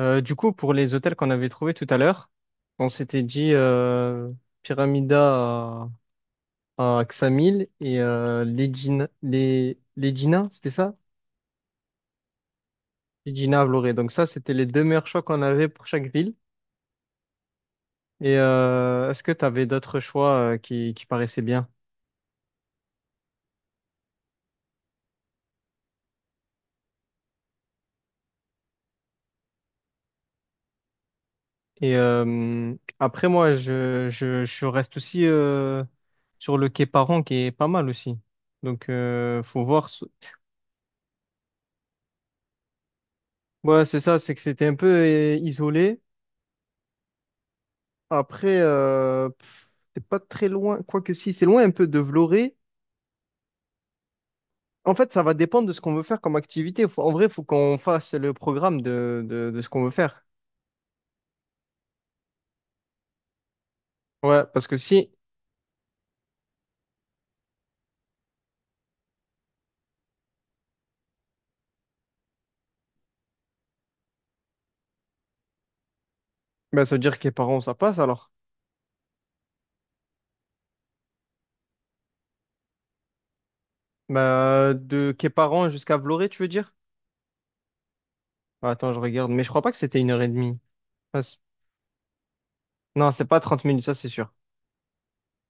Du coup, pour les hôtels qu'on avait trouvés tout à l'heure, on s'était dit Pyramida à Ksamil et Legina, c'était ça? Legina à Vloré. Donc ça, c'était les deux meilleurs choix qu'on avait pour chaque ville. Et est-ce que tu avais d'autres choix qui paraissaient bien? Et après, moi, je reste aussi sur le quai Paron qui est pas mal aussi. Donc, faut voir. Ouais, c'est ça, c'est que c'était un peu isolé. Après, c'est pas très loin, quoique si, c'est loin un peu de Vloré. En fait, ça va dépendre de ce qu'on veut faire comme activité. En vrai, il faut qu'on fasse le programme de ce qu'on veut faire. Ouais, parce que si, ben, ça veut dire Quéparan, ça passe alors. Ben, de Quéparan jusqu'à Vloré, tu veux dire? Bah, attends, je regarde, mais je crois pas que c'était une heure et demie. Ah, c'est- non, c'est pas 30 minutes, ça c'est sûr.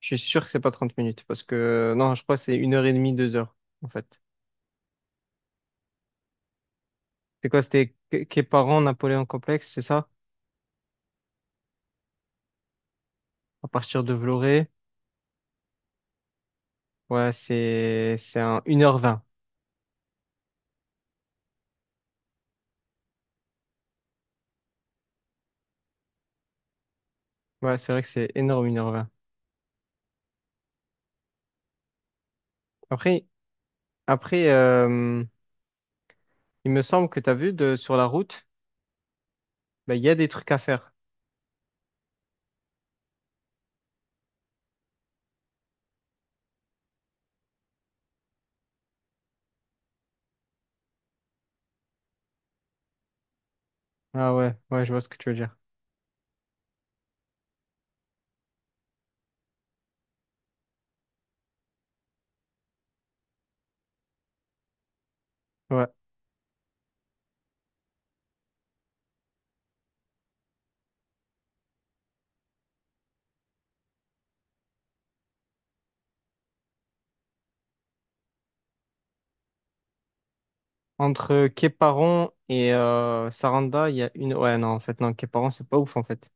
Je suis sûr que c'est pas 30 minutes, parce que non, je crois que c'est une heure et demie, deux heures, en fait. C'est quoi? C'était Quéparan, Napoléon Complexe, c'est ça? À partir de Vloré. Ouais, c'est un une heure vingt. Ouais, c'est vrai que c'est énorme une heure vingt. Après, après, il me semble que tu as vu sur la route, bah, il y a des trucs à faire. Ah ouais, ouais, je vois ce que tu veux dire. Ouais. Entre Quéparon et Saranda, il y a une. Ouais, non, en fait, non, Quéparon, c'est pas ouf, en fait.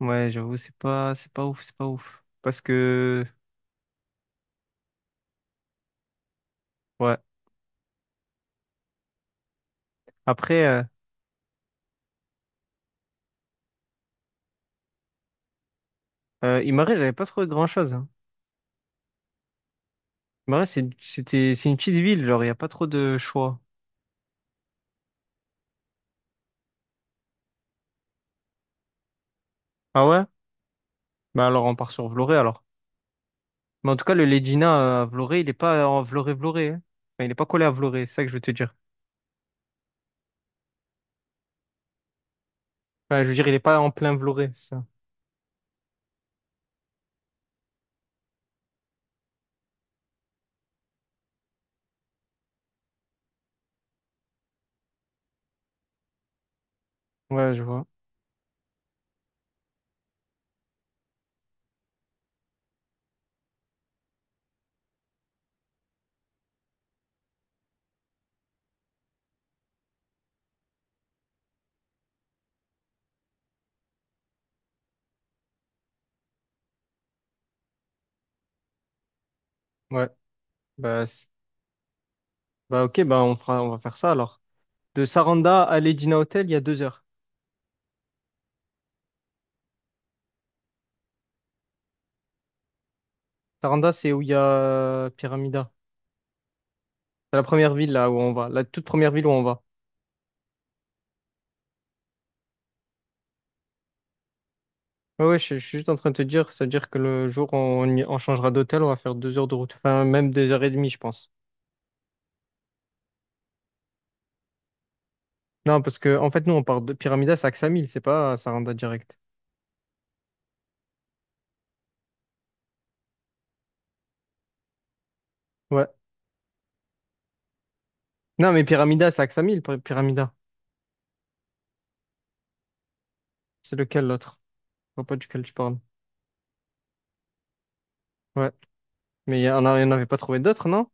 Ouais, j'avoue, c'est pas ouf, c'est pas ouf. Parce que, ouais. Après, Imare, j'avais pas trouvé grand-chose. Hein. Imare, c'est une petite ville, genre, il y a pas trop de choix. Ah ouais? Bah alors, on part sur Vloré, alors. Mais en tout cas, le Ledina à Vloré, il est pas en Vloré-Vloré, hein. Enfin, il n'est pas collé à Vloré, c'est ça que je veux te dire. Enfin, je veux dire, il est pas en plein Vloré, c'est ça. Ouais, je vois. Ouais. Bah, c'est- Bah ok, bah on fera, on va faire ça alors. De Saranda à Ledina Hotel, il y a 2 heures. Saranda, c'est où il y a Pyramida. C'est la première ville là où on va, la toute première ville où on va. Ouais, ouais, je suis juste en train de te dire, c'est-à-dire que le jour où on changera d'hôtel, on va faire 2 heures de route. Enfin, même deux heures et demie, je pense. Non, parce que en fait, nous, on part de Pyramida, c'est à Ksamil, c'est pas à Saranda direct. Ouais. Non, mais Pyramida, c'est Axamil, Pyramida. C'est lequel l'autre? Je vois pas duquel tu parles. Ouais. Il y en avait pas trouvé d'autres, non?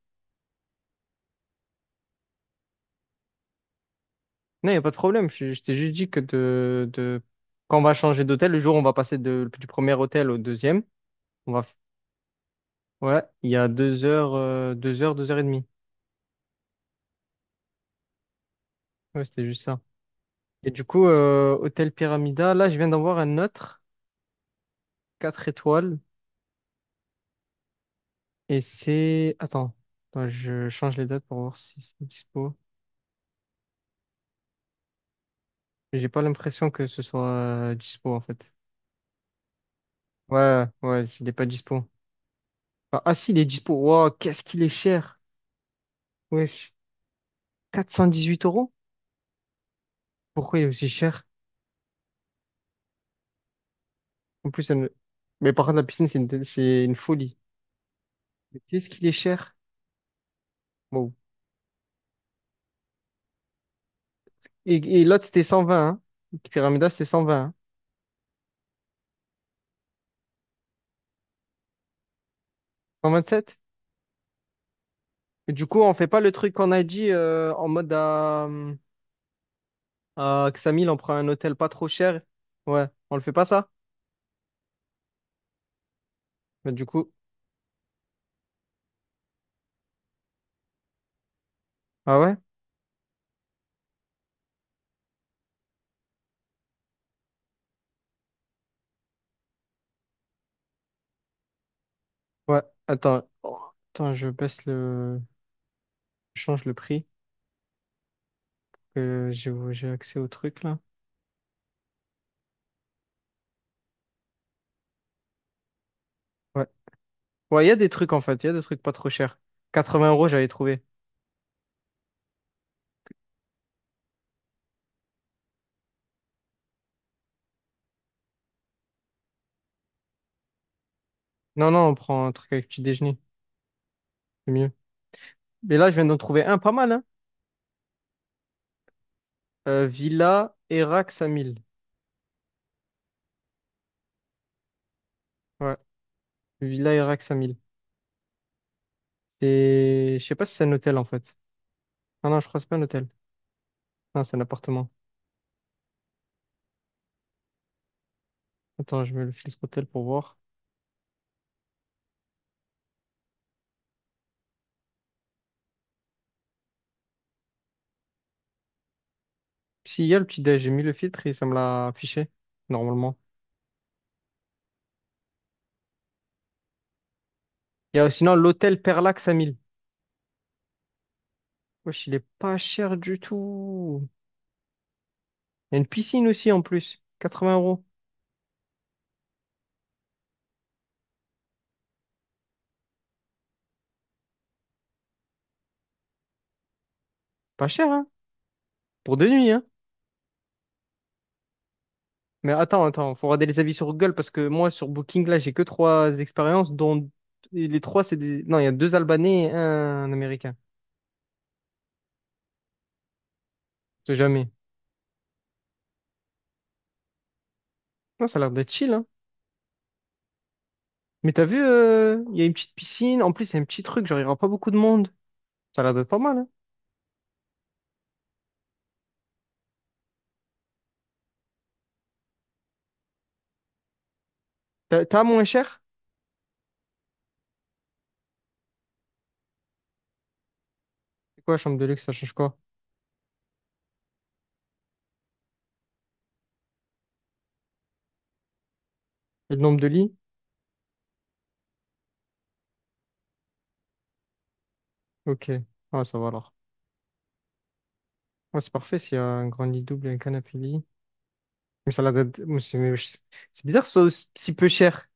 Non, il n'y a pas de problème. Je t'ai juste dit que quand on va changer d'hôtel, le jour où on va passer du premier hôtel au deuxième, on va... Ouais, il y a deux heures, deux heures, deux heures et demie. Ouais, c'était juste ça. Et du coup, hôtel Pyramida, là, je viens d'en voir un autre, 4 étoiles. Et c'est... Attends, attends, je change les dates pour voir si c'est dispo. J'ai pas l'impression que ce soit dispo, en fait. Ouais, ouais, il est pas dispo. Ah, si, il est dispo. Wow, qu'est-ce qu'il est cher. Wesh. Huit euros? Pourquoi il est aussi cher? En plus, ça ne- Mais par contre, la piscine, c'est une folie. Mais qu'est-ce qu'il est cher? Wow. Et l'autre, c'était 120, hein. Pyramida, c'était 120 hein. 127? Et du coup, on fait pas le truc qu'on a dit en mode à Xamil, on prend un hôtel pas trop cher. Ouais, on le fait pas ça? Mais du coup, ah ouais? Ouais, attends. Oh, Attends, je baisse le. Je change le prix. Que j'ai accès au truc là. Ouais. Ouais, il y a des trucs en fait, il y a des trucs pas trop chers. 80 euros, j'avais trouvé. Non, non, on prend un truc avec petit déjeuner, c'est mieux. Mais là, je viens d'en trouver un pas mal, hein. Villa Erax à 1000. Ouais, Villa Erax à 1000. C'est... Je sais pas si c'est un hôtel en fait. Ah non, je crois que c'est pas un hôtel. Non, c'est un appartement. Attends, je mets le filtre hôtel pour voir. Si, il y a le petit déj, j'ai mis le filtre et ça me l'a affiché, normalement. Il y a sinon l'hôtel Perlax à 1000. Wesh, il est pas cher du tout. Il y a une piscine aussi en plus. 80 euros. Pas cher, hein? Pour deux nuits, hein? Mais attends, attends, faut regarder les avis sur Google parce que moi, sur Booking, là, j'ai que 3 expériences, dont et les trois, c'est des. Non, il y a 2 Albanais et un Américain. Je sais jamais. Non, ça a l'air d'être chill, hein? Mais t'as vu, il y a une petite piscine. En plus, il y a un petit truc, genre, il n'y aura pas beaucoup de monde. Ça a l'air d'être pas mal, hein? T'as moins cher? C'est quoi, chambre de luxe, ça change quoi? Et le nombre de lits? Ok. Ah, ça va alors. Ah, c'est parfait s'il y a un grand lit double et un canapé lit. Une salade à deux- C'est mais c'est bizarre, que ce soit aussi- si peu cher.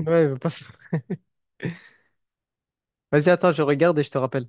Ouais, il veut pas se- Vas-y, attends, je regarde et je te rappelle.